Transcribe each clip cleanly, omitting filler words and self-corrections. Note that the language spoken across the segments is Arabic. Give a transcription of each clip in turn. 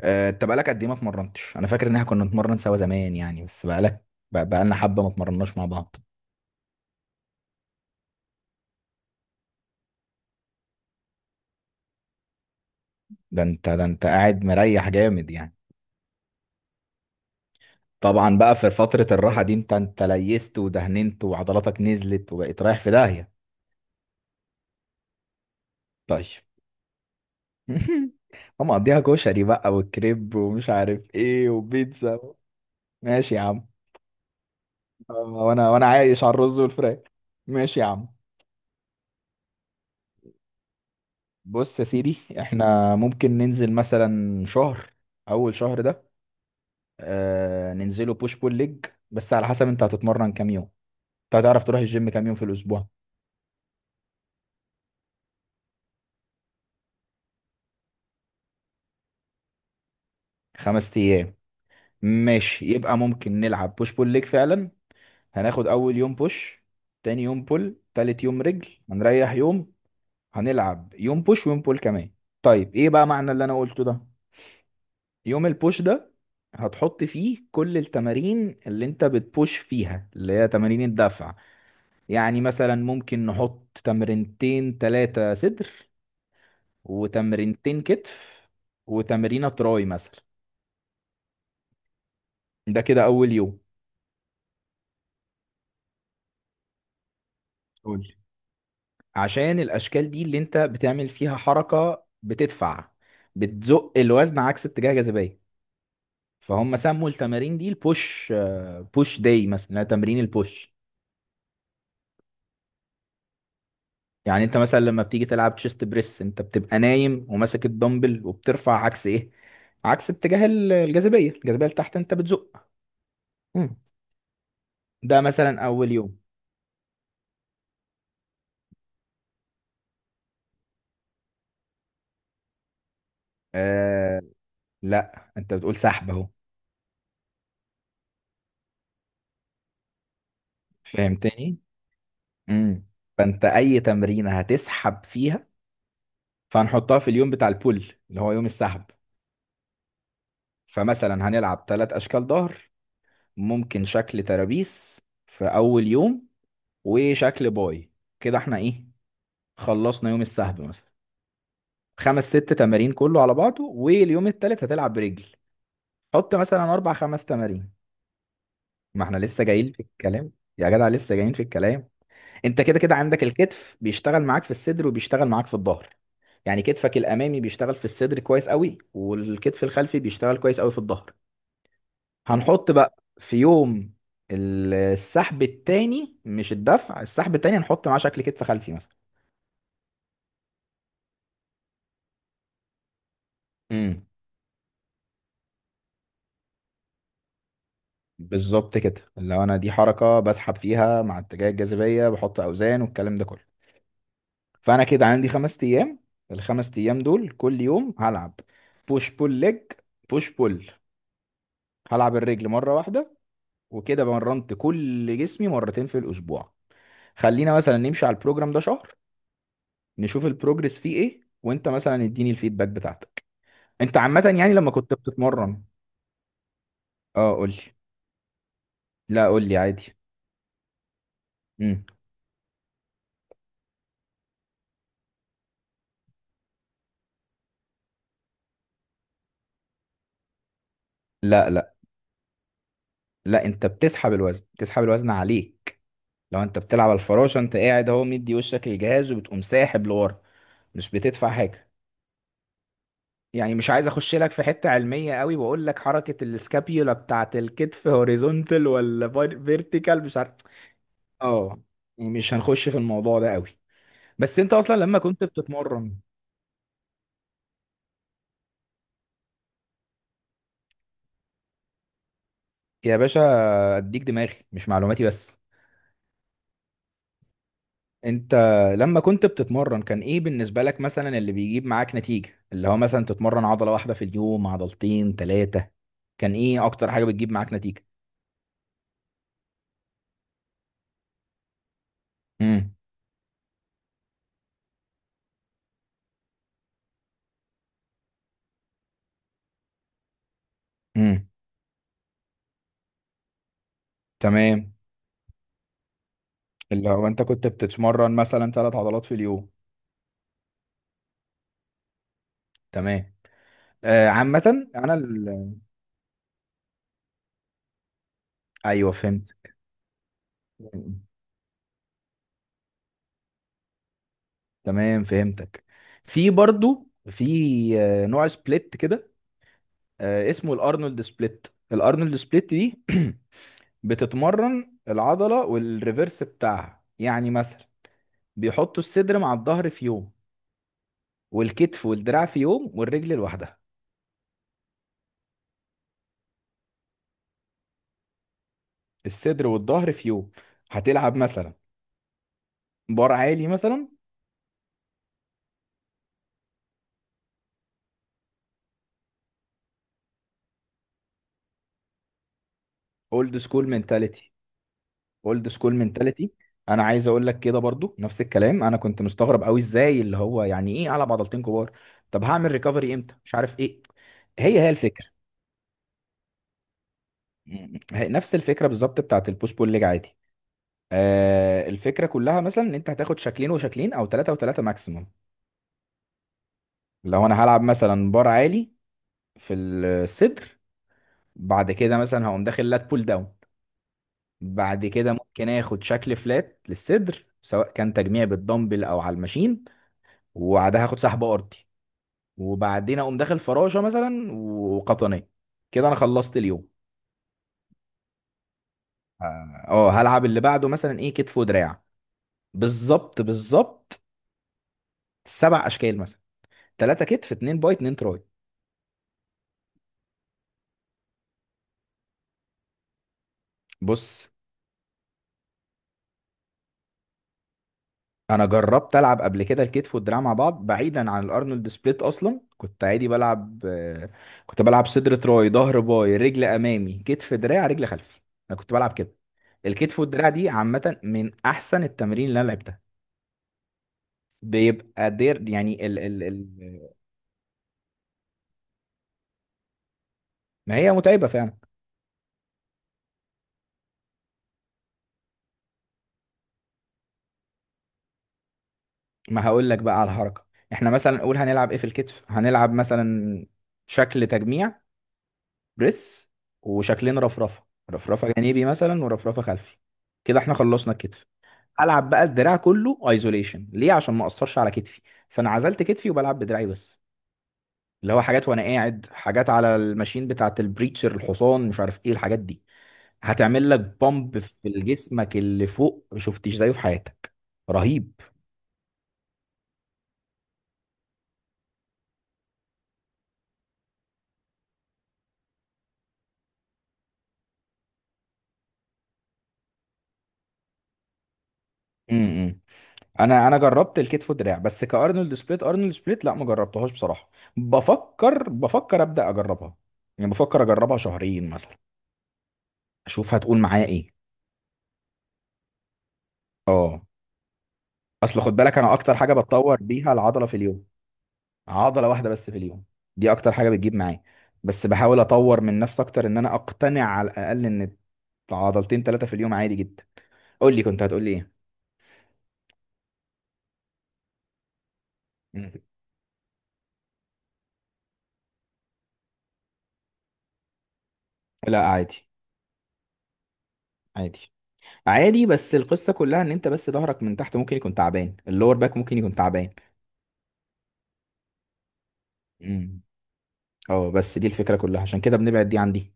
آه، انت بقالك قد ايه ما اتمرنتش؟ انا فاكر ان احنا كنا نتمرن سوا زمان يعني، بس بقالك بقالنا حبه ما اتمرناش مع بعض. ده انت قاعد مريح جامد يعني. طبعا بقى في فتره الراحه دي انت ليست ودهننت وعضلاتك نزلت وبقيت رايح في داهيه. طيب. هم مقضيها كشري بقى والكريب ومش عارف ايه وبيتزا. ماشي يا عم. آه، وانا عايش على الرز والفراخ. ماشي يا عم. بص يا سيدي، احنا ممكن ننزل مثلا شهر. اول شهر ده آه ننزله بوش بول ليج، بس على حسب انت هتتمرن كام يوم، انت هتعرف تروح الجيم كام يوم في الاسبوع. خمس ايام؟ ماشي، يبقى ممكن نلعب بوش بول ليج فعلا. هناخد اول يوم بوش، تاني يوم بول، تالت يوم رجل، هنريح يوم، هنلعب يوم بوش ويوم بول كمان. طيب ايه بقى معنى اللي انا قلته ده؟ يوم البوش ده هتحط فيه كل التمارين اللي انت بتبوش فيها، اللي هي تمارين الدفع. يعني مثلا ممكن نحط تمرينتين تلاتة صدر، وتمرينتين كتف، وتمرينة تراي مثلا. ده كده أول يوم. قول لي. عشان الأشكال دي اللي أنت بتعمل فيها حركة بتدفع، بتزق الوزن عكس اتجاه جاذبية، فهم سموا التمارين دي البوش. بوش داي مثلا، اللي هي تمرين البوش. يعني أنت مثلا لما بتيجي تلعب تشيست بريس، أنت بتبقى نايم وماسك الدمبل وبترفع عكس إيه؟ عكس اتجاه الجاذبية لتحت، أنت بتزق. مم. ده مثلا أول يوم. آه، لا أنت بتقول سحب أهو. فهمتني. امم. فانت اي تمرينه هتسحب فيها، فهنحطها في اليوم بتاع البول، اللي هو يوم السحب. فمثلا هنلعب ثلاث اشكال ظهر، ممكن شكل ترابيس في اول يوم، وشكل باي. كده احنا ايه، خلصنا يوم السحب مثلا، خمس ست تمارين كله على بعضه. واليوم التالت هتلعب برجل، حط مثلا اربع خمس تمارين. ما احنا لسه جايين في الكلام. يا جدع لسه جايين في الكلام. انت كده كده عندك الكتف بيشتغل معاك في الصدر وبيشتغل معاك في الظهر. يعني كتفك الامامي بيشتغل في الصدر كويس قوي، والكتف الخلفي بيشتغل كويس قوي في الظهر. هنحط بقى في يوم السحب التاني، مش الدفع، السحب التاني هنحط معاه شكل كتف خلفي مثلا. امم. بالظبط كده، لو انا دي حركه بسحب فيها مع اتجاه الجاذبيه، بحط اوزان والكلام ده كله. فانا كده عندي خمس ايام، الخمس ايام دول كل يوم هلعب بوش بول ليج، بوش بول، هلعب الرجل مره واحده. وكده مرنت كل جسمي مرتين في الاسبوع. خلينا مثلا نمشي على البروجرام ده شهر، نشوف البروجرس فيه ايه، وانت مثلا اديني الفيدباك بتاعتك. انت عامة يعني لما كنت بتتمرن. اه قول لي. لا قول لي عادي. امم. لا لا لا، انت بتسحب الوزن، بتسحب الوزن عليك. لو انت بتلعب على الفراشة انت قاعد اهو مدي وشك للجهاز وبتقوم ساحب لورا، مش بتدفع حاجة. يعني مش عايز اخش لك في حتة علمية قوي واقول لك حركة السكابيولا بتاعت الكتف هوريزونتال ولا فيرتيكال، مش عارف. اه. يعني مش هنخش في الموضوع ده قوي. بس انت اصلا لما كنت بتتمرن. يا باشا، اديك دماغي مش معلوماتي بس. انت لما كنت بتتمرن كان ايه بالنسبة لك مثلا اللي بيجيب معاك نتيجة؟ اللي هو مثلا تتمرن عضلة واحدة في اليوم، عضلتين، ثلاثة؟ كان ايه اكتر حاجة بتجيب معاك نتيجة؟ امم. امم. تمام. اللي هو انت كنت بتتمرن مثلا ثلاث عضلات في اليوم. تمام. آه عامة انا ال... ايوه فهمت. تمام فهمتك. في برضو في آه، نوع سبليت كده، اسمه الارنولد سبليت. الارنولد سبليت دي بتتمرن العضله والريفرس بتاعها، يعني مثلا بيحطوا الصدر مع الظهر في يوم، والكتف والدراع في يوم، والرجل لوحدها. الصدر والظهر في يوم، هتلعب مثلا بار عالي مثلا. اولد سكول مينتاليتي. اولد سكول منتاليتي. انا عايز اقول لك كده برضو نفس الكلام، انا كنت مستغرب قوي ازاي اللي هو يعني ايه العب عضلتين كبار، طب هعمل ريكفري امتى، مش عارف ايه. هي هي الفكره. م- هي نفس الفكره بالظبط بتاعت البوش بول ليج عادي. الفكره كلها مثلا ان انت هتاخد شكلين وشكلين، او ثلاثه وثلاثه ماكسيموم. لو انا هلعب مثلا بار عالي في الصدر، بعد كده مثلا هقوم داخل لات بول داون، بعد كده ممكن اخد شكل فلات للصدر سواء كان تجميع بالدمبل او على الماشين، وبعدها هاخد سحب ارضي، وبعدين اقوم داخل فراشه مثلا وقطنيه. كده انا خلصت اليوم. اه، آه، هلعب اللي بعده مثلا ايه، كتف ودراع. بالظبط بالظبط. سبع اشكال مثلا، ثلاثة كتف، اتنين باي، اتنين تراي. بص، انا جربت العب قبل كده الكتف والدراع مع بعض بعيدا عن الارنولد سبليت، اصلا كنت عادي بلعب آه، كنت بلعب صدر تراي، ظهر باي، رجل امامي، كتف دراع، رجل خلفي. انا كنت بلعب كده. الكتف والدراع دي عامة من احسن التمارين اللي انا لعبتها. بيبقى دير يعني. ما هي متعبة فعلا. ما هقول لك بقى على الحركة. احنا مثلا نقول هنلعب ايه في الكتف، هنلعب مثلا شكل تجميع، بريس، وشكلين رفرفة، رفرفة جانبي مثلا ورفرفة خلفي. كده احنا خلصنا الكتف. العب بقى الدراع كله ايزوليشن، ليه؟ عشان ما اقصرش على كتفي. فانا عزلت كتفي وبلعب بدراعي بس، اللي هو حاجات وانا قاعد، حاجات على الماشين بتاعت البريتشر، الحصان، مش عارف ايه الحاجات دي. هتعمل لك بامب في جسمك اللي فوق ما شفتش زيه في حياتك. رهيب. امم. انا جربت الكتف والدراع بس، كارنولد سبليت، ارنولد سبليت لا ما جربتهاش بصراحه. بفكر ابدا اجربها، يعني بفكر اجربها شهرين مثلا، اشوف هتقول معايا ايه. اه. اصل خد بالك انا اكتر حاجه بتطور بيها العضله في اليوم، عضله واحده بس في اليوم، دي اكتر حاجه بتجيب معايا. بس بحاول اطور من نفسي اكتر ان انا اقتنع على الاقل ان عضلتين ثلاثه في اليوم عادي جدا. قول لي كنت هتقول لي ايه. مم. لا عادي. عادي. عادي بس القصه كلها ان انت بس ظهرك من تحت ممكن يكون تعبان، اللور باك ممكن يكون تعبان. امم. اه بس دي الفكره كلها، عشان كده بنبعد دي عن دي.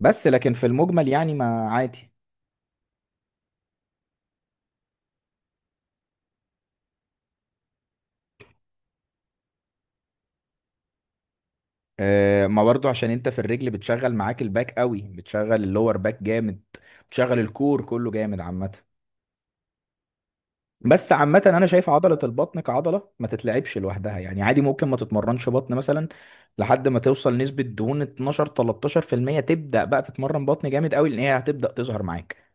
بس لكن في المجمل يعني ما عادي. ما برضو عشان انت في الرجل بتشغل معاك الباك قوي، بتشغل اللور باك جامد، بتشغل الكور كله جامد عامه. بس عامة أنا شايف عضلة البطن كعضلة ما تتلعبش لوحدها، يعني عادي ممكن ما تتمرنش بطن مثلا لحد ما توصل نسبة دهون 12-13% تبدأ بقى تتمرن بطن جامد قوي، لأن هي هتبدأ تظهر معاك.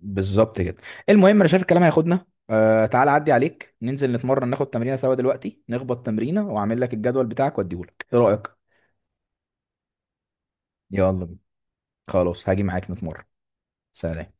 بالظبط كده. المهم انا شايف الكلام هياخدنا، تعال عدي عليك ننزل نتمرن، ناخد تمرينه سوا دلوقتي، نخبط تمرينه واعمل لك الجدول بتاعك واديهولك، ايه رايك؟ يلا بينا. خلاص هاجي معاك نتمرن. سلام.